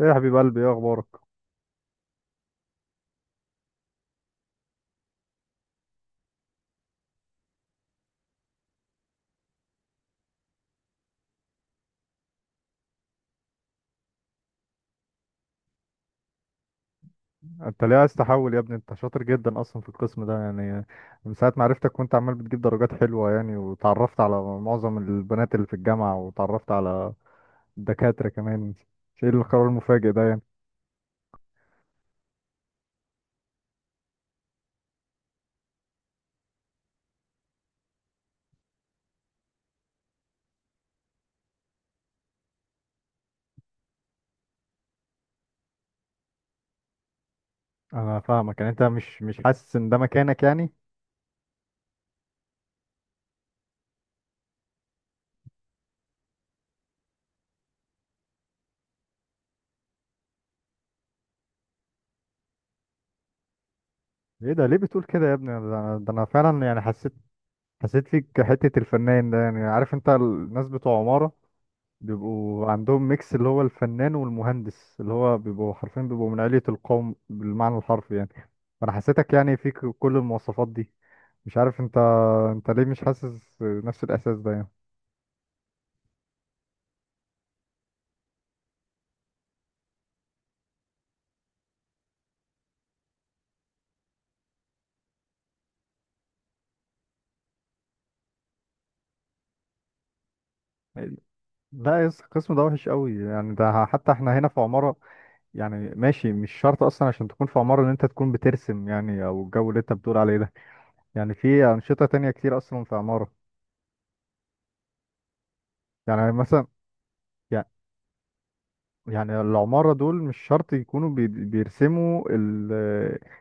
ايه يا حبيب قلبي، ايه اخبارك؟ انت ليه عايز تحول يا ابني؟ انت شاطر جدا اصلا في القسم ده يعني. من ساعه ما عرفتك وانت عمال بتجيب درجات حلوه يعني، وتعرفت على معظم البنات اللي في الجامعه وتعرفت على الدكاتره كمان. مش ايه القرار المفاجئ ده يعني؟ انا فاهمك، يعني انت مش حاسس ان ده مكانك يعني. ايه ده؟ ليه بتقول كده يا ابني؟ ده أنا فعلا، يعني حسيت فيك حته الفنان ده يعني. عارف انت الناس بتوع عماره بيبقوا عندهم ميكس اللي هو الفنان والمهندس، اللي هو بيبقوا حرفيا بيبقوا من علية القوم بالمعنى الحرفي يعني. فأنا حسيتك يعني فيك كل المواصفات دي. مش عارف، انت ليه مش حاسس نفس الإحساس ده يعني؟ لا يس، القسم ده وحش قوي يعني، ده حتى احنا هنا في عمارة. يعني ماشي، مش شرط اصلا عشان تكون في عمارة ان انت تكون بترسم يعني، او الجو اللي انت بتقول عليه ده. يعني في أنشطة تانية كتير اصلا في عمارة، يعني مثلا. يعني العمارة دول مش شرط يكونوا بيرسموا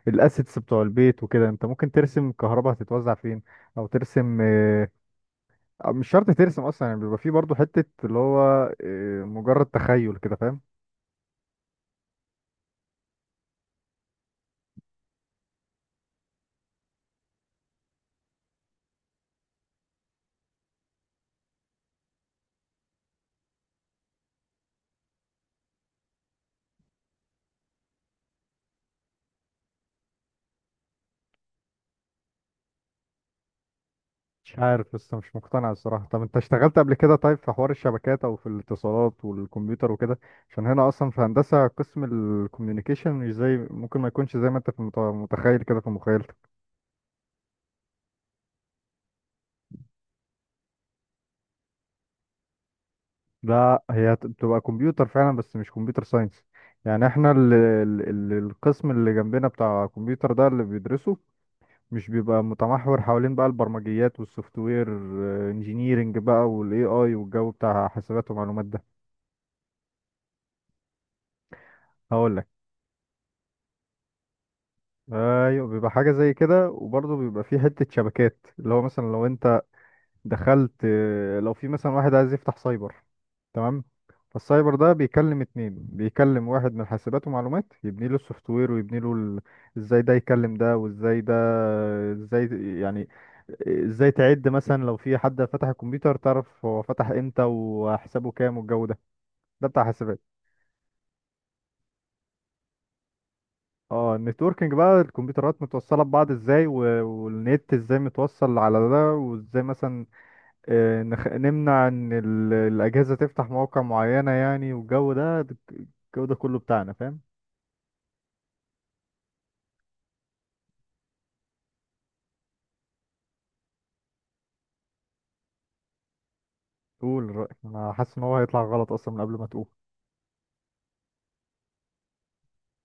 الاسيتس بتوع البيت وكده. انت ممكن ترسم الكهرباء هتتوزع فين، او ترسم، أو مش شرط ترسم اصلا يعني، بيبقى فيه برضو حتة اللي هو مجرد تخيل كده، فاهم؟ مش عارف، لسه مش مقتنع الصراحة. طب انت اشتغلت قبل كده طيب في حوار الشبكات او في الاتصالات والكمبيوتر وكده؟ عشان هنا اصلا في هندسة قسم الكوميونيكيشن، مش زي، ممكن ما يكونش زي ما انت في متخيل كده في مخيلتك. لا، هي بتبقى كمبيوتر فعلا بس مش كمبيوتر ساينس. يعني احنا ال القسم اللي جنبنا بتاع كمبيوتر ده اللي بيدرسه مش بيبقى متمحور حوالين بقى البرمجيات والسوفت وير انجينيرنج بقى والاي اي والجو بتاع حسابات ومعلومات ده. هقول لك، ايوه بيبقى حاجه زي كده، وبرضه بيبقى فيه حته شبكات، اللي هو مثلا لو انت دخلت، لو في مثلا واحد عايز يفتح سايبر، تمام؟ فالسايبر ده بيكلم اتنين، بيكلم واحد من حاسبات ومعلومات يبني له السوفت وير ويبني له. ازاي ده يكلم ده وازاي ده، ازاي يعني، ازاي تعد مثلا لو في حد فتح الكمبيوتر تعرف هو فتح امتى وحسابه كام والجو ده، ده بتاع حاسبات. اه، النتوركينج بقى الكمبيوترات متوصلة ببعض ازاي، والنت ازاي متوصل على ده، وازاي مثلا نمنع ان الاجهزه تفتح مواقع معينه يعني، والجو ده الجو ده كله بتاعنا، فاهم؟ قول رايك، انا حاسس ان هو هيطلع غلط اصلا من قبل ما تقول.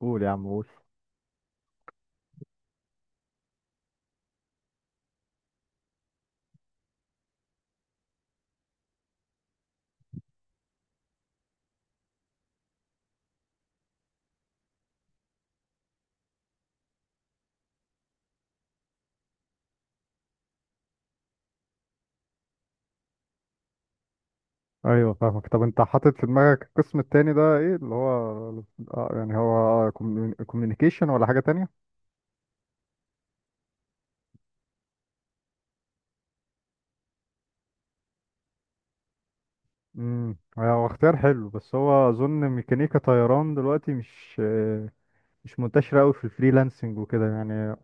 قول يا عم، قول. ايوه فاهمك، طب انت حاطط في دماغك القسم التاني ده ايه؟ اللي هو يعني هو كوميونيكيشن ولا حاجة تانية؟ هو اختيار حلو، بس هو اظن ميكانيكا طيران دلوقتي مش، مش منتشره قوي في الفريلانسنج وكده يعني.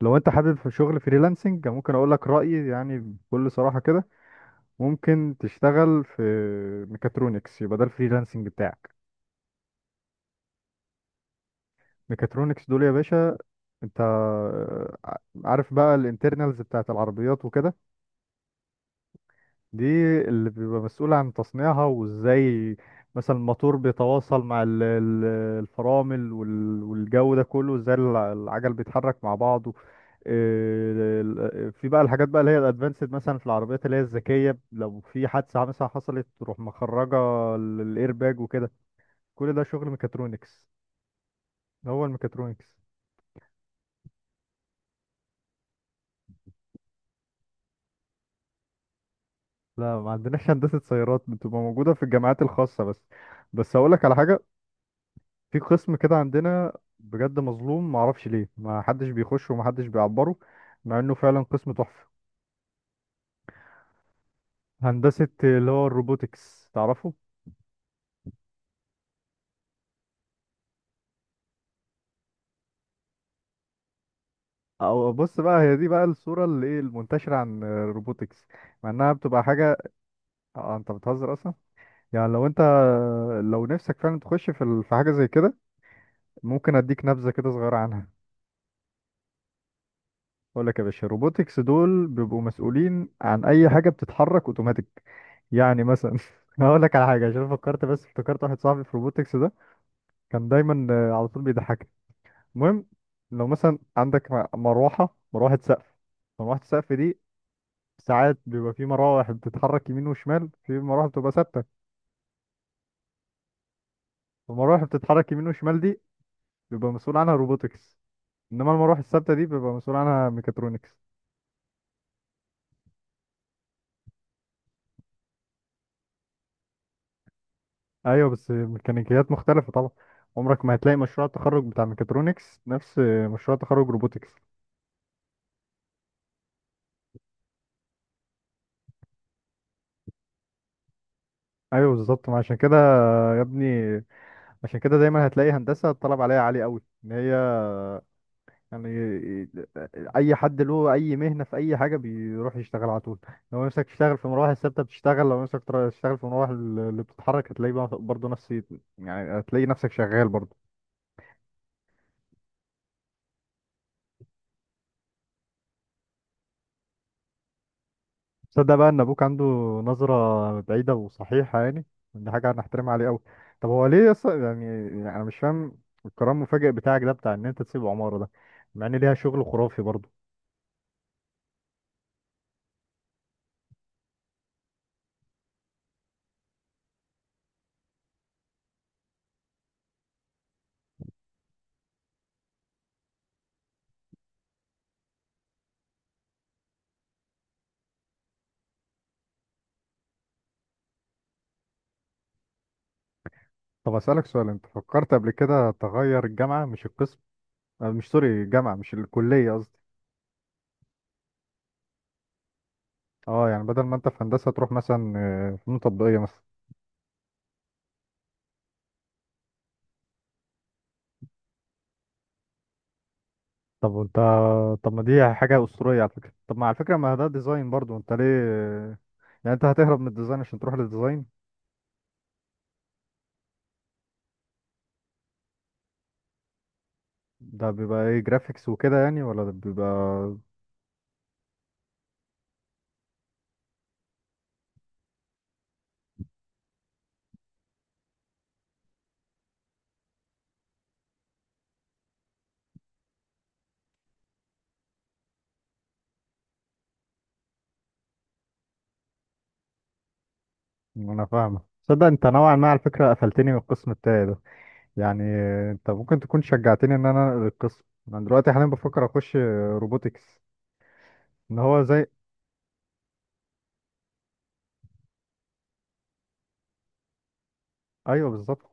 لو انت حابب في شغل فريلانسنج، ممكن اقول لك رايي يعني بكل صراحه كده. ممكن تشتغل في ميكاترونكس، يبقى ده الفريلانسنج بتاعك. ميكاترونكس دول يا باشا، انت ع- عارف بقى الانترنالز بتاعت العربيات وكده، دي اللي بيبقى مسؤول عن تصنيعها وازاي مثلا الموتور بيتواصل مع الفرامل والجو ده كله، ازاي العجل بيتحرك مع بعضه. اه، في بقى الحاجات بقى اللي هي الادفانسد مثلا في العربيات اللي هي الذكيه، لو في حادثه مثلا حصلت تروح مخرجه الايرباج وكده. كل ده شغل ميكاترونكس. هو الميكاترونكس. لا، ما عندناش هندسة سيارات، بتبقى موجودة في الجامعات الخاصة بس. بس أقول لك على حاجة، في قسم كده عندنا بجد مظلوم، ما اعرفش ليه ما حدش بيخشه وما حدش بيعبره مع إنه فعلا قسم تحفة. هندسة اللي هو الروبوتكس، تعرفه؟ أو بص بقى، هي دي بقى الصورة اللي إيه المنتشرة عن الروبوتكس، مع إنها بتبقى حاجة. آه، أنت بتهزر أصلا. يعني لو نفسك فعلا تخش في في حاجة زي كده، ممكن أديك نبذة كده صغيرة عنها. بقول لك يا باشا، روبوتكس دول بيبقوا مسؤولين عن اي حاجه بتتحرك اوتوماتيك. يعني مثلا هقول لك على حاجه عشان فكرت، بس افتكرت واحد صاحبي في روبوتكس ده كان دايما على طول بيضحكني. المهم، لو مثلا عندك مروحه سقف، مروحه السقف دي ساعات بيبقى في مراوح بتتحرك يمين وشمال، في مراوح بتبقى ثابته. المراوح اللي بتتحرك يمين وشمال دي بيبقى مسؤول عنها روبوتكس، انما المراوح الثابته دي بيبقى مسؤول عنها ميكاترونكس. ايوه بس ميكانيكيات مختلفه طبعا، عمرك ما هتلاقي مشروع التخرج بتاع ميكاترونكس نفس مشروع تخرج روبوتكس. ايوه بالظبط، ما عشان كده يا ابني، عشان كده دايما هتلاقي هندسه الطلب عليها عالي قوي، ان هي يعني اي حد له اي مهنه في اي حاجه بيروح يشتغل على طول. لو نفسك تشتغل في مراوح الثابته بتشتغل، لو نفسك تشتغل في مراوح اللي بتتحرك هتلاقي بقى برضه نفس، يعني هتلاقي نفسك شغال برضه. تصدق بقى ان ابوك عنده نظرة بعيدة وصحيحة يعني، دي حاجة هنحترمها عليه قوي. طب هو ليه يعني انا مش فاهم القرار المفاجئ بتاعك ده بتاع ان انت تسيب عمارة ده مع ان ليها شغل خرافي برضه. طب اسألك سؤال، انت فكرت قبل كده تغير الجامعة مش القسم؟ مش سوري، الجامعة مش الكلية قصدي. اه، يعني بدل ما انت في هندسة تروح مثلا فنون تطبيقية مثلا. طب وانت طب ما دي حاجة أسطورية على فكرة، طب ما على فكرة ما ده ديزاين برضه، انت ليه يعني انت هتهرب من الديزاين عشان تروح للديزاين؟ ده بيبقى ايه، جرافيكس وكده يعني ولا ده بيبقى؟ انا فاهمه. تصدق انت نوعا ما على فكره قفلتني من القسم بتاعي ده، يعني انت ممكن تكون شجعتني ان انا انقل القسم. انا دلوقتي حاليا بفكر اخش روبوتكس. ان هو زي. ايوه بالظبط،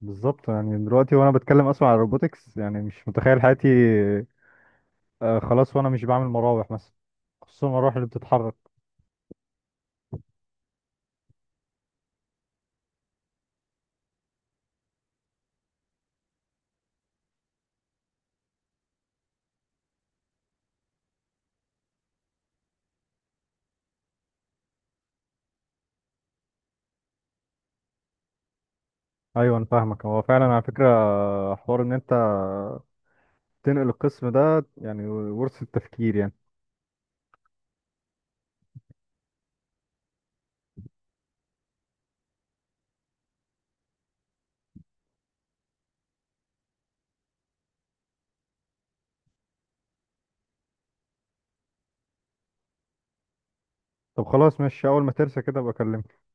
بالظبط يعني دلوقتي وانا بتكلم اصلا على روبوتكس يعني مش متخيل حياتي خلاص وانا مش بعمل مراوح مثلا، خصوصا المراوح اللي بتتحرك. ايوه انا فاهمك، هو فعلا على فكره حوار ان انت تنقل القسم ده يعني ورث التفكير يعني. طب خلاص ماشي، اول ما ترسى كده ابقى اكلمك.